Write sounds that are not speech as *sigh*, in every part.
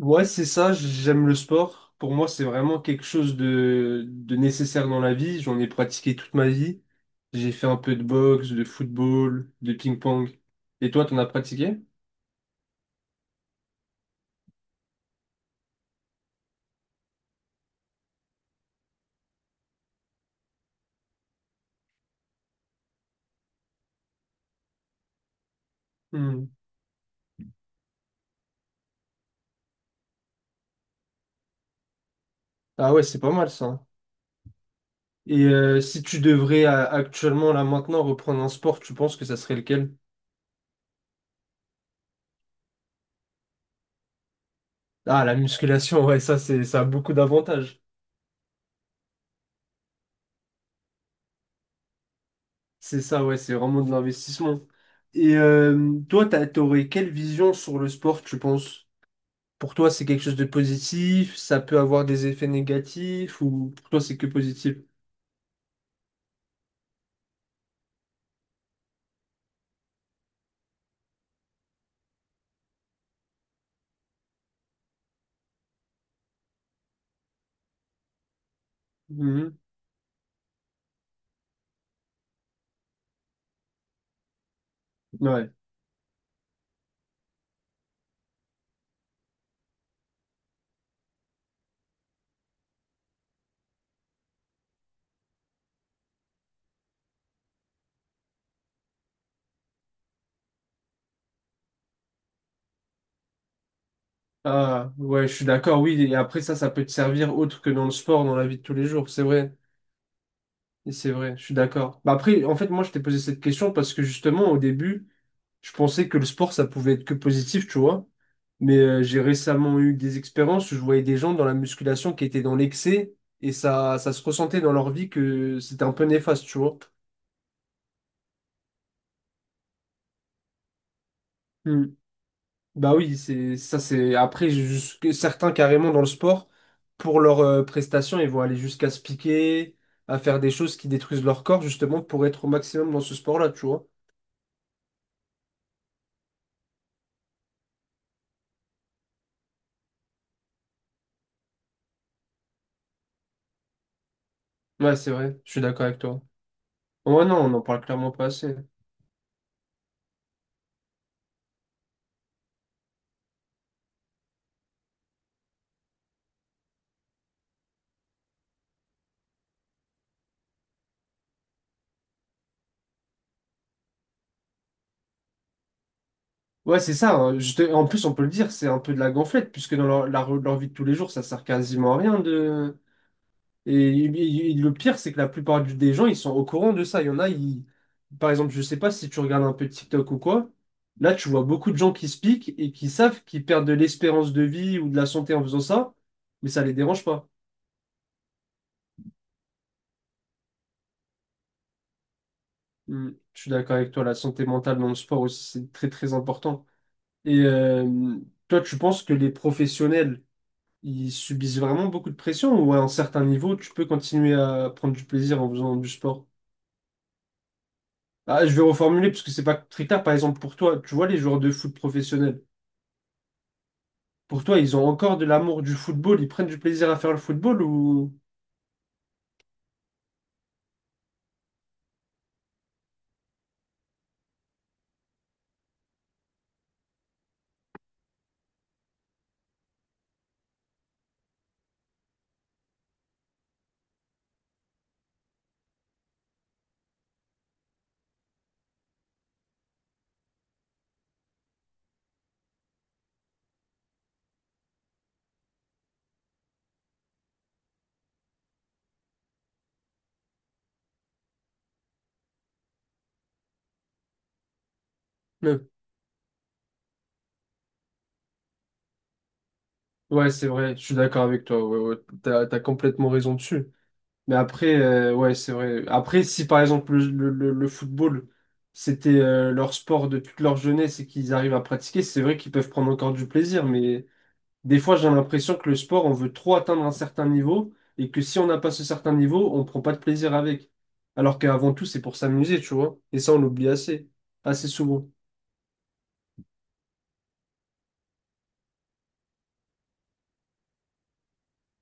Ouais, c'est ça, j'aime le sport. Pour moi, c'est vraiment quelque chose de nécessaire dans la vie. J'en ai pratiqué toute ma vie. J'ai fait un peu de boxe, de football, de ping-pong. Et toi, t'en as pratiqué? Hmm. Ah ouais, c'est pas mal ça. Et si tu devrais actuellement, là maintenant, reprendre un sport, tu penses que ça serait lequel? Ah, la musculation, ouais, ça, ça a beaucoup d'avantages. C'est ça, ouais, c'est vraiment de l'investissement. Et toi, t'aurais quelle vision sur le sport, tu penses? Pour toi, c'est quelque chose de positif, ça peut avoir des effets négatifs, ou pour toi, c'est que positif? Mhm. Ouais. Ah, ouais, je suis d'accord, oui. Et après, ça peut te servir autre que dans le sport, dans la vie de tous les jours, c'est vrai. Et c'est vrai, je suis d'accord. Bah après, en fait, moi, je t'ai posé cette question parce que justement, au début, je pensais que le sport, ça pouvait être que positif, tu vois. Mais j'ai récemment eu des expériences où je voyais des gens dans la musculation qui étaient dans l'excès et ça se ressentait dans leur vie que c'était un peu néfaste, tu vois. Bah oui, c'est ça c'est après jusque certains carrément dans le sport pour leurs prestations, ils vont aller jusqu'à se piquer, à faire des choses qui détruisent leur corps justement pour être au maximum dans ce sport-là, tu vois. Ouais, c'est vrai, je suis d'accord avec toi. Ouais, non, on n'en parle clairement pas assez. Ouais, c'est ça. Hein, en plus, on peut le dire, c'est un peu de la gonflette puisque dans leur vie de tous les jours, ça sert quasiment à rien de Et le pire, c'est que la plupart des gens, ils sont au courant de ça. Il y en a, ils... Par exemple, je sais pas si tu regardes un peu TikTok ou quoi, là, tu vois beaucoup de gens qui se piquent et qui savent qu'ils perdent de l'espérance de vie ou de la santé en faisant ça, mais ça les dérange pas. Hmm. Je suis d'accord avec toi, la santé mentale dans le sport aussi, c'est très très important. Et toi, tu penses que les professionnels, ils subissent vraiment beaucoup de pression ou à un certain niveau, tu peux continuer à prendre du plaisir en faisant du sport? Ah, je vais reformuler parce que c'est pas très clair. Par exemple, pour toi, tu vois les joueurs de foot professionnels, pour toi, ils ont encore de l'amour du football, ils prennent du plaisir à faire le football ou... Non. Ouais, c'est vrai, je suis d'accord avec toi. Ouais, ouais, t'as complètement raison dessus. Mais après, ouais, c'est vrai. Après, si par exemple le football, c'était leur sport de toute leur jeunesse et qu'ils arrivent à pratiquer, c'est vrai qu'ils peuvent prendre encore du plaisir, mais des fois, j'ai l'impression que le sport, on veut trop atteindre un certain niveau et que si on n'a pas ce certain niveau, on prend pas de plaisir avec. Alors qu'avant tout, c'est pour s'amuser, tu vois. Et ça, on l'oublie assez, assez souvent.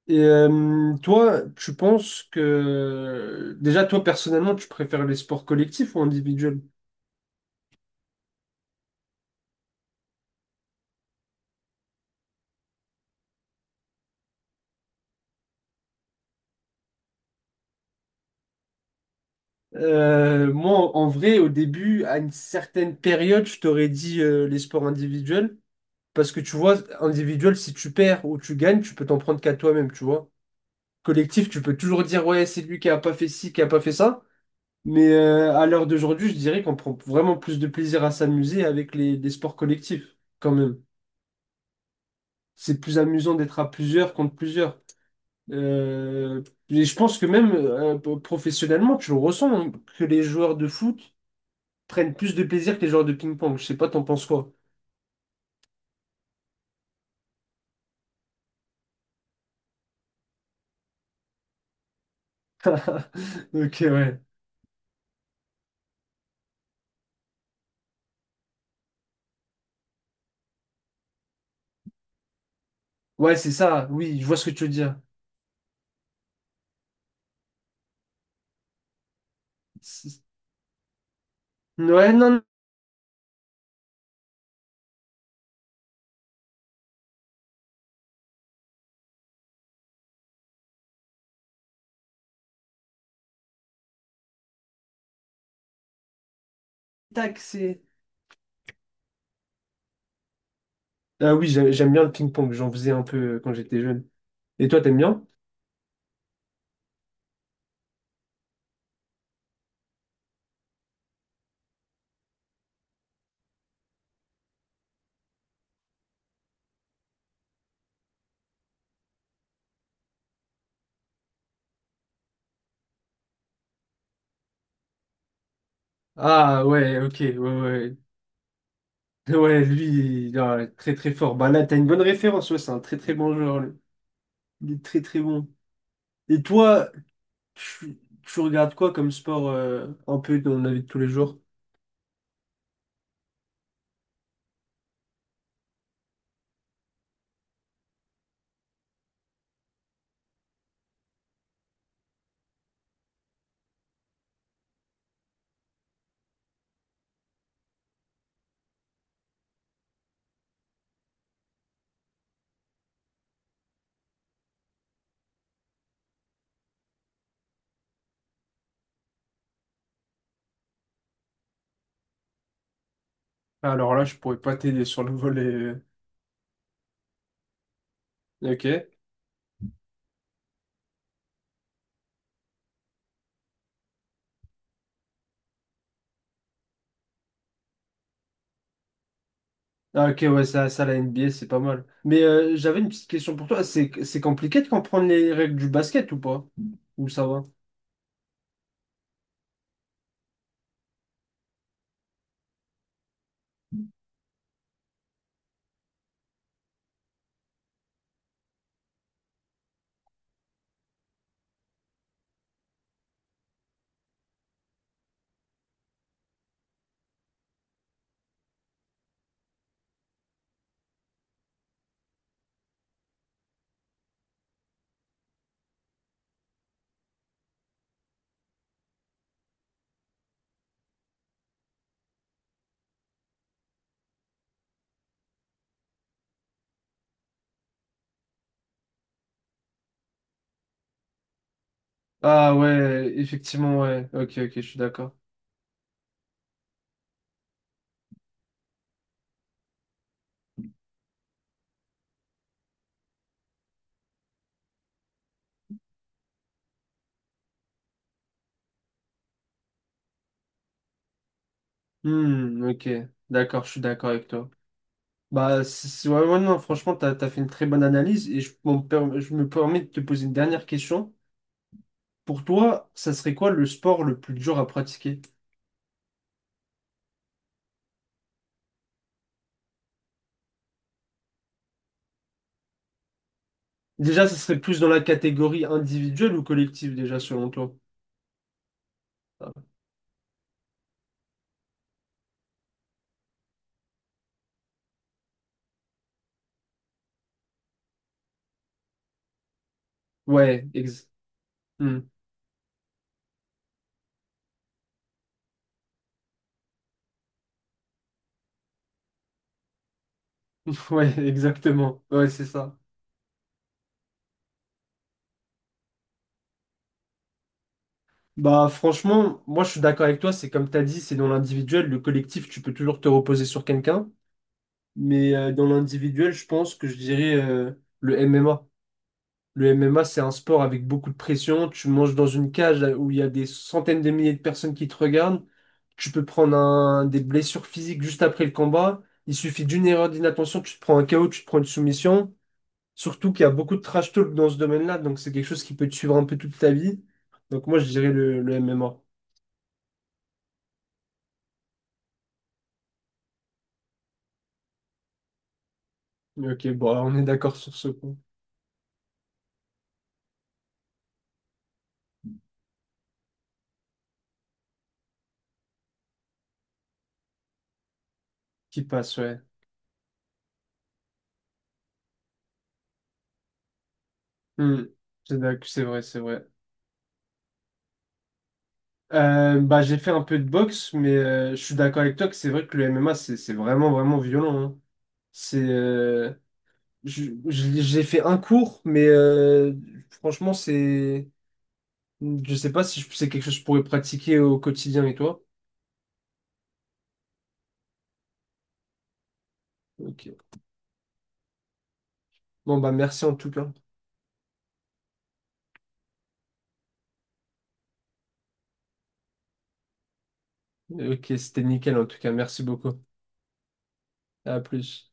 Et toi, tu penses que... Déjà, toi, personnellement, tu préfères les sports collectifs ou individuels? Moi, en vrai, au début, à une certaine période, je t'aurais dit les sports individuels. Parce que tu vois, individuel, si tu perds ou tu gagnes, tu peux t'en prendre qu'à toi-même, tu vois. Collectif, tu peux toujours dire, ouais, c'est lui qui a pas fait ci, qui a pas fait ça. Mais à l'heure d'aujourd'hui, je dirais qu'on prend vraiment plus de plaisir à s'amuser avec les sports collectifs, quand même. C'est plus amusant d'être à plusieurs contre plusieurs. Euh, et je pense que même professionnellement, tu le ressens, hein, que les joueurs de foot prennent plus de plaisir que les joueurs de ping-pong. Je sais pas, t'en penses quoi? *laughs* Ok, ouais. Ouais, c'est ça, oui, je vois ce que tu veux dire. Ouais, non, tac, c'est... Ah oui, j'aime bien le ping-pong, j'en faisais un peu quand j'étais jeune. Et toi, t'aimes bien? Ah ouais, ok, ouais, ouais. Ouais, lui, il est très très fort. Bah là, t'as une bonne référence, ouais, c'est un très très bon joueur, lui. Il est très très bon. Et toi, tu regardes quoi comme sport un peu dans la vie de tous les jours? Alors là, je pourrais pas t'aider sur le volet. Ok. Ah, ok, ouais, ça, la NBA, c'est pas mal. Mais j'avais une petite question pour toi. C'est compliqué de comprendre les règles du basket ou pas? Ou ça va? Ah ouais, effectivement, ouais. Ok, ok, je suis d'accord. Hmm, ok, d'accord, je suis d'accord avec toi. Bah, ouais, ouais, non, franchement, t'as fait une très bonne analyse et je me permets de te poser une dernière question. Pour toi, ça serait quoi le sport le plus dur à pratiquer? Déjà, ça serait plus dans la catégorie individuelle ou collective, déjà, selon toi? Ah, ouais, exact. Ouais, *laughs* exactement. Ouais, c'est ça. Bah, franchement, moi, je suis d'accord avec toi. C'est comme tu as dit, c'est dans l'individuel. Le collectif, tu peux toujours te reposer sur quelqu'un. Mais dans l'individuel, je pense que je dirais le MMA. Le MMA, c'est un sport avec beaucoup de pression. Tu manges dans une cage là, où il y a des centaines de milliers de personnes qui te regardent. Tu peux prendre des blessures physiques juste après le combat. Il suffit d'une erreur d'inattention, tu te prends un KO, tu te prends une soumission. Surtout qu'il y a beaucoup de trash talk dans ce domaine-là, donc c'est quelque chose qui peut te suivre un peu toute ta vie. Donc moi, je dirais le MMA. Mais ok, bon, on est d'accord sur ce point. Qui passe, ouais. Hmm. C'est vrai, c'est vrai. Bah, j'ai fait un peu de boxe, mais je suis d'accord avec toi que c'est vrai que le MMA, c'est vraiment, vraiment violent. Hein. C'est, euh, j'ai fait un cours, mais franchement, je sais pas si c'est quelque chose que je pourrais pratiquer au quotidien et toi. Ok. Bon, bah, merci en tout cas. Ok, c'était nickel en tout cas. Merci beaucoup. À plus.